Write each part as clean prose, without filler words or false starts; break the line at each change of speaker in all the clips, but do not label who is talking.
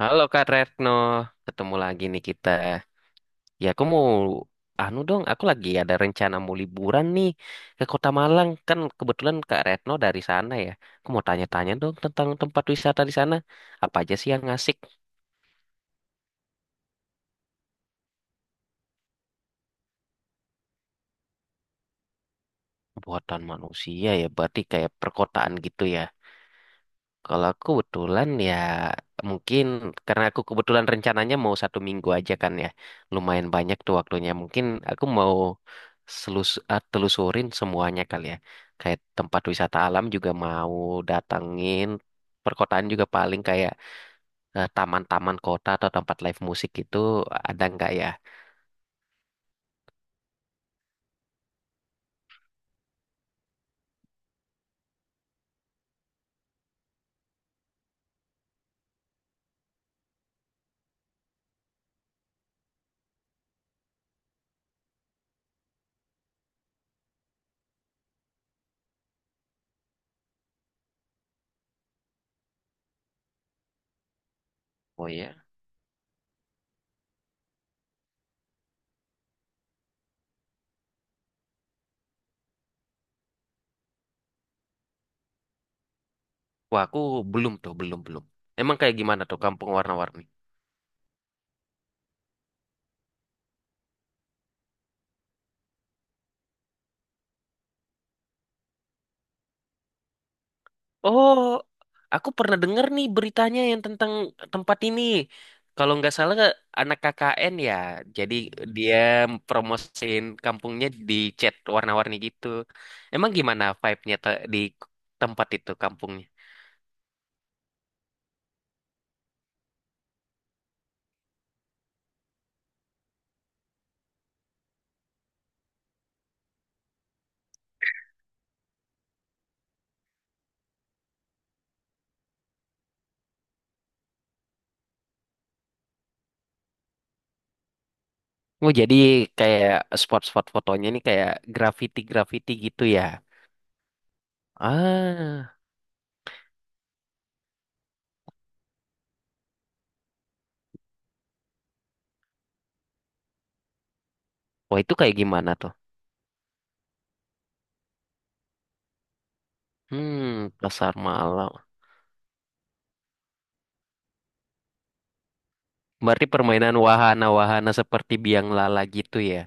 Halo Kak Retno, ketemu lagi nih kita. Ya aku mau, anu dong, aku lagi ada rencana mau liburan nih ke Kota Malang. Kan kebetulan Kak Retno dari sana ya. Aku mau tanya-tanya dong tentang tempat wisata di sana. Apa aja sih yang asik? Buatan manusia ya, berarti kayak perkotaan gitu ya. Kalau aku kebetulan ya, mungkin karena aku kebetulan rencananya mau 1 minggu aja kan ya. Lumayan banyak tuh waktunya. Mungkin aku mau telusurin semuanya kali ya. Kayak tempat wisata alam juga mau datangin. Perkotaan juga paling kayak taman-taman kota atau tempat live musik gitu ada nggak ya? Oh iya. Wah aku belum tuh, belum belum. Emang kayak gimana tuh kampung warna-warni? Oh, aku pernah dengar nih beritanya yang tentang tempat ini. Kalau nggak salah anak KKN ya, jadi dia promosiin kampungnya di cat warna-warni gitu. Emang gimana di tempat itu kampungnya? Oh, jadi kayak spot-spot fotonya nih kayak graffiti-graffiti gitu ya. Ah, wah itu kayak gimana tuh? Hmm, pasar malam. Berarti permainan wahana-wahana seperti biang lala gitu ya?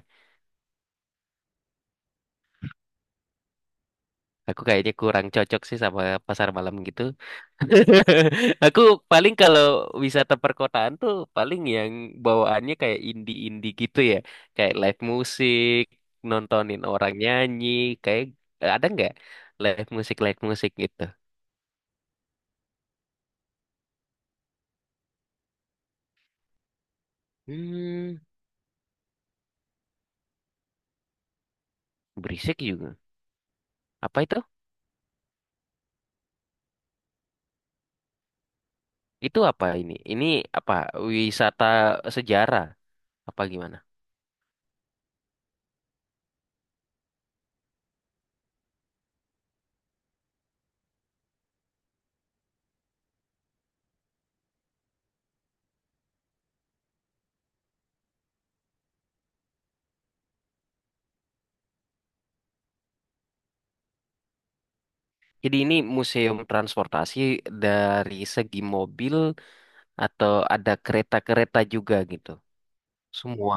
Aku kayaknya kurang cocok sih sama pasar malam gitu. Aku paling kalau wisata perkotaan tuh paling yang bawaannya kayak indie-indie gitu ya. Kayak live musik, nontonin orang nyanyi, kayak ada nggak live musik gitu. Hmm, berisik juga. Apa itu? Itu apa ini? Ini apa? Wisata sejarah apa gimana? Jadi ini museum transportasi dari segi mobil atau ada kereta-kereta juga gitu. Semua.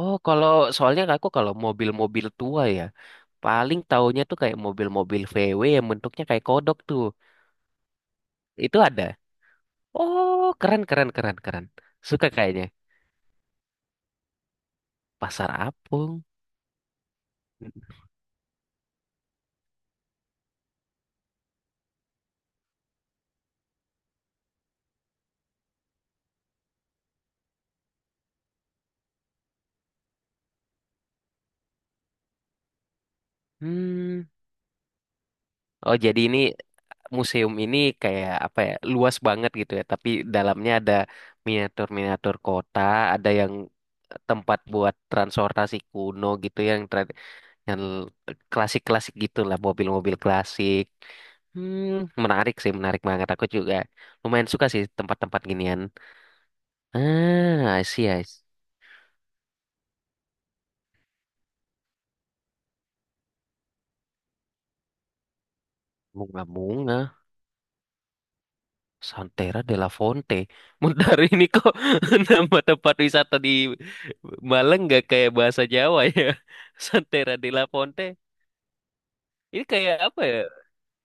Oh, kalau soalnya aku kalau mobil-mobil tua ya, paling taunya tuh kayak mobil-mobil VW yang bentuknya kayak kodok tuh. Itu ada. Oh, keren keren keren keren. Suka kayaknya. Pasar Apung. Hmm. Oh, jadi ini museum ini kayak apa ya? Luas banget gitu ya, tapi dalamnya ada miniatur-miniatur kota, ada yang tempat buat transportasi kuno gitu yang yang klasik-klasik gitulah mobil-mobil klasik. Hmm, menarik sih, menarik banget. Aku juga lumayan suka sih tempat-tempat ginian. Ah, I see. Bunga-bunga, Santera della Fonte. Bentar ini kok nama tempat wisata di Malang nggak kayak bahasa Jawa ya? Santera della Fonte. Ini kayak apa ya?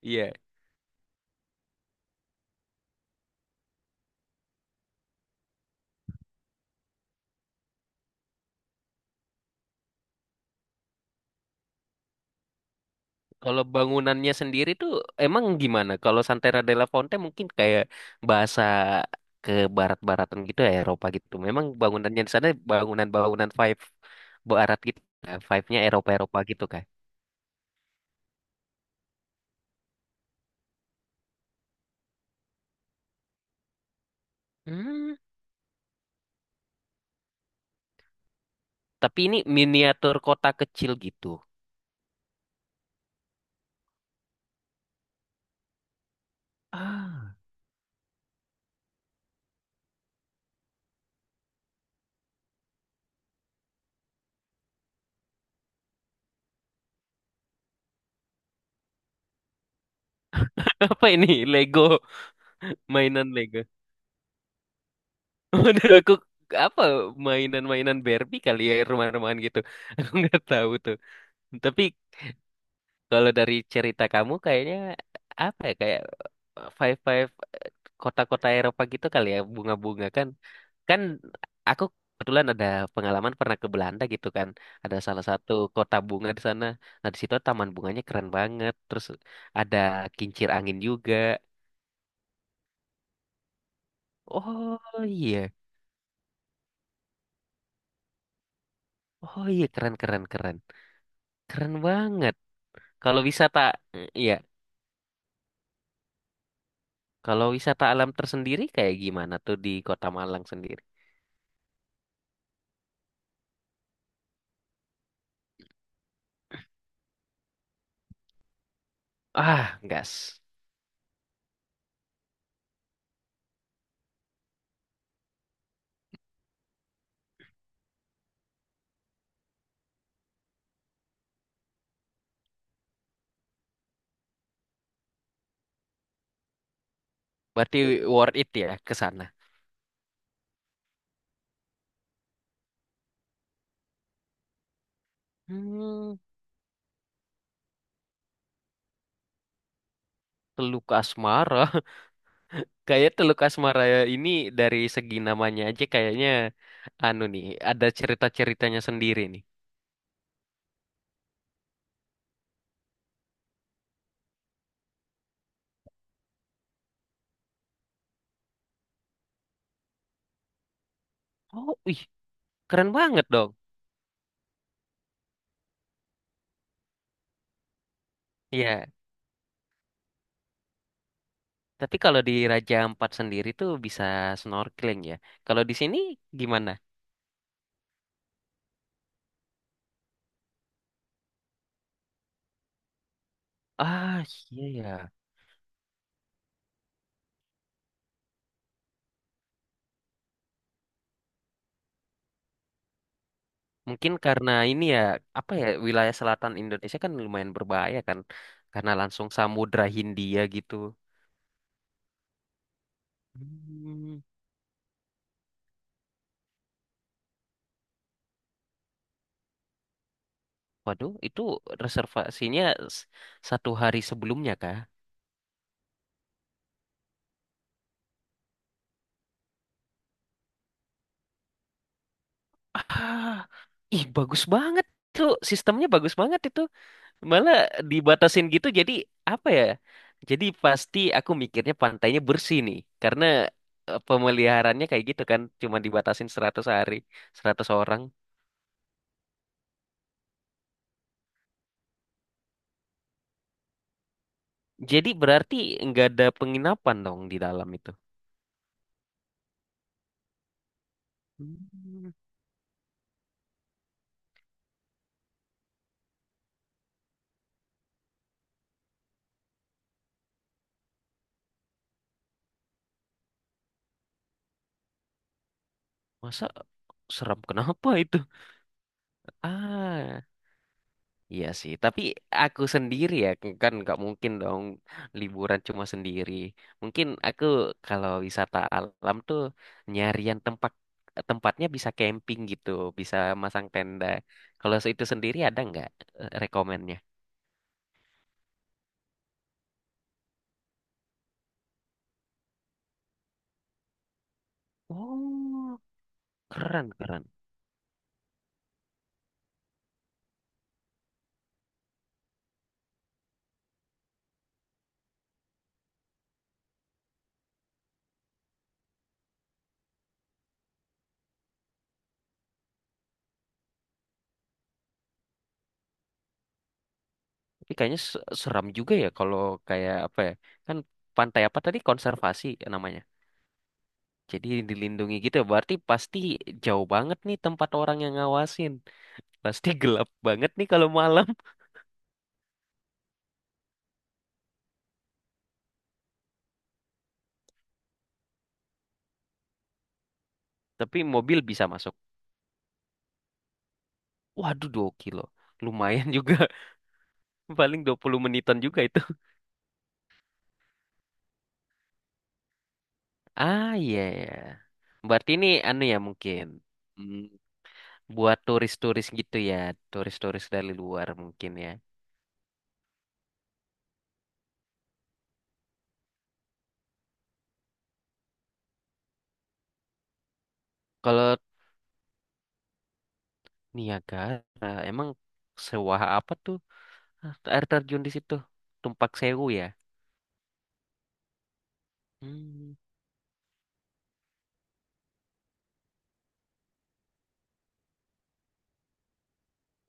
Iya. Kalau bangunannya sendiri tuh emang gimana? Kalau Santera della Fonte mungkin kayak bahasa ke barat-baratan gitu ya Eropa gitu. Memang bangunannya di sana bangunan-bangunan five barat gitu. Ya? Five-nya Eropa-Eropa gitu kan. Hmm, tapi ini miniatur kota kecil gitu. Ah, apa ini? Lego, mainan Lego. Waduh, aku apa mainan-mainan Barbie kali ya rumah-rumahan gitu. Aku nggak tahu tuh. Tapi kalau dari cerita kamu kayaknya apa ya kayak five kota-kota Eropa gitu kali ya bunga-bunga kan, kan aku kebetulan ada pengalaman pernah ke Belanda gitu kan, ada salah satu kota bunga di sana. Nah di situ taman bunganya keren banget, terus ada kincir angin juga. Oh iya, oh iya, keren, keren banget. Kalau wisata, iya kalau wisata alam tersendiri kayak gimana tuh di kota Malang sendiri? Ah, gas. Berarti worth it ya ke sana. Hmm, Teluk Asmara. Kayak Teluk Asmara ini dari segi namanya aja kayaknya anu nih, ada cerita-ceritanya sendiri nih. Oh, ih, keren banget dong. Iya, tapi kalau di Raja Ampat sendiri tuh bisa snorkeling ya. Kalau di sini gimana? Ah, iya ya. Mungkin karena ini ya, apa ya, wilayah selatan Indonesia kan lumayan berbahaya kan. Karena langsung Samudra Hindia gitu. Hmm. Waduh, itu reservasinya s- satu hari sebelumnya kah? Ah, ih bagus banget tuh, sistemnya bagus banget itu, malah dibatasin gitu jadi apa ya? Jadi pasti aku mikirnya pantainya bersih nih karena pemeliharannya kayak gitu kan, cuma dibatasin 100 hari, 100 orang. Jadi berarti nggak ada penginapan dong di dalam itu. Hmm, masa serem kenapa itu? Ah. Iya sih, tapi aku sendiri ya kan nggak mungkin dong liburan cuma sendiri. Mungkin aku kalau wisata alam tuh nyarian tempat tempatnya bisa camping gitu, bisa masang tenda. Kalau itu sendiri ada nggak rekomennya? Oh, keren keren. Tapi kayaknya seram juga ya kalau kayak apa ya? Kan pantai apa tadi konservasi namanya. Jadi dilindungi gitu ya. Berarti pasti jauh banget nih tempat orang yang ngawasin. Pasti gelap banget nih kalau malam. Tapi mobil bisa masuk. Waduh, 2 kilo. Lumayan juga. Paling 20 menitan juga itu. Ah, iya ya. Berarti ini anu ya mungkin. Hmm, buat turis-turis gitu ya. Turis-turis dari luar mungkin ya. Kalau Niagara, emang sewah apa tuh? Ah, air terjun di situ. Tumpak Sewu ya. Hmm.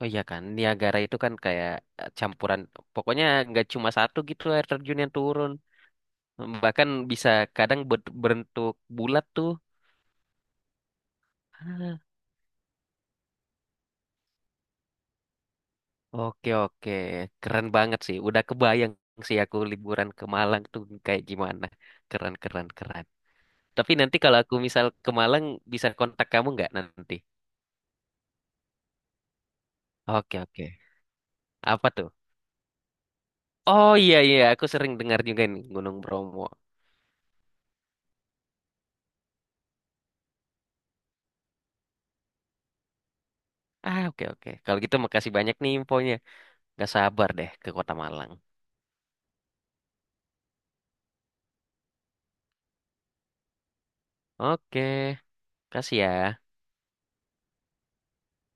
Oh iya kan, Niagara itu kan kayak campuran. Pokoknya nggak cuma satu gitu air terjun yang turun. Bahkan bisa kadang berbentuk bulat tuh. Ah, oke oke, keren banget sih. Udah kebayang sih aku liburan ke Malang tuh kayak gimana. Keren keren keren. Tapi nanti kalau aku misal ke Malang bisa kontak kamu nggak nanti? Oke oke. Apa tuh? Oh iya iya, aku sering dengar juga nih Gunung Bromo. Ah oke oke. Kalau gitu makasih banyak nih infonya. Gak sabar deh ke Kota Malang. Oke, kasih ya.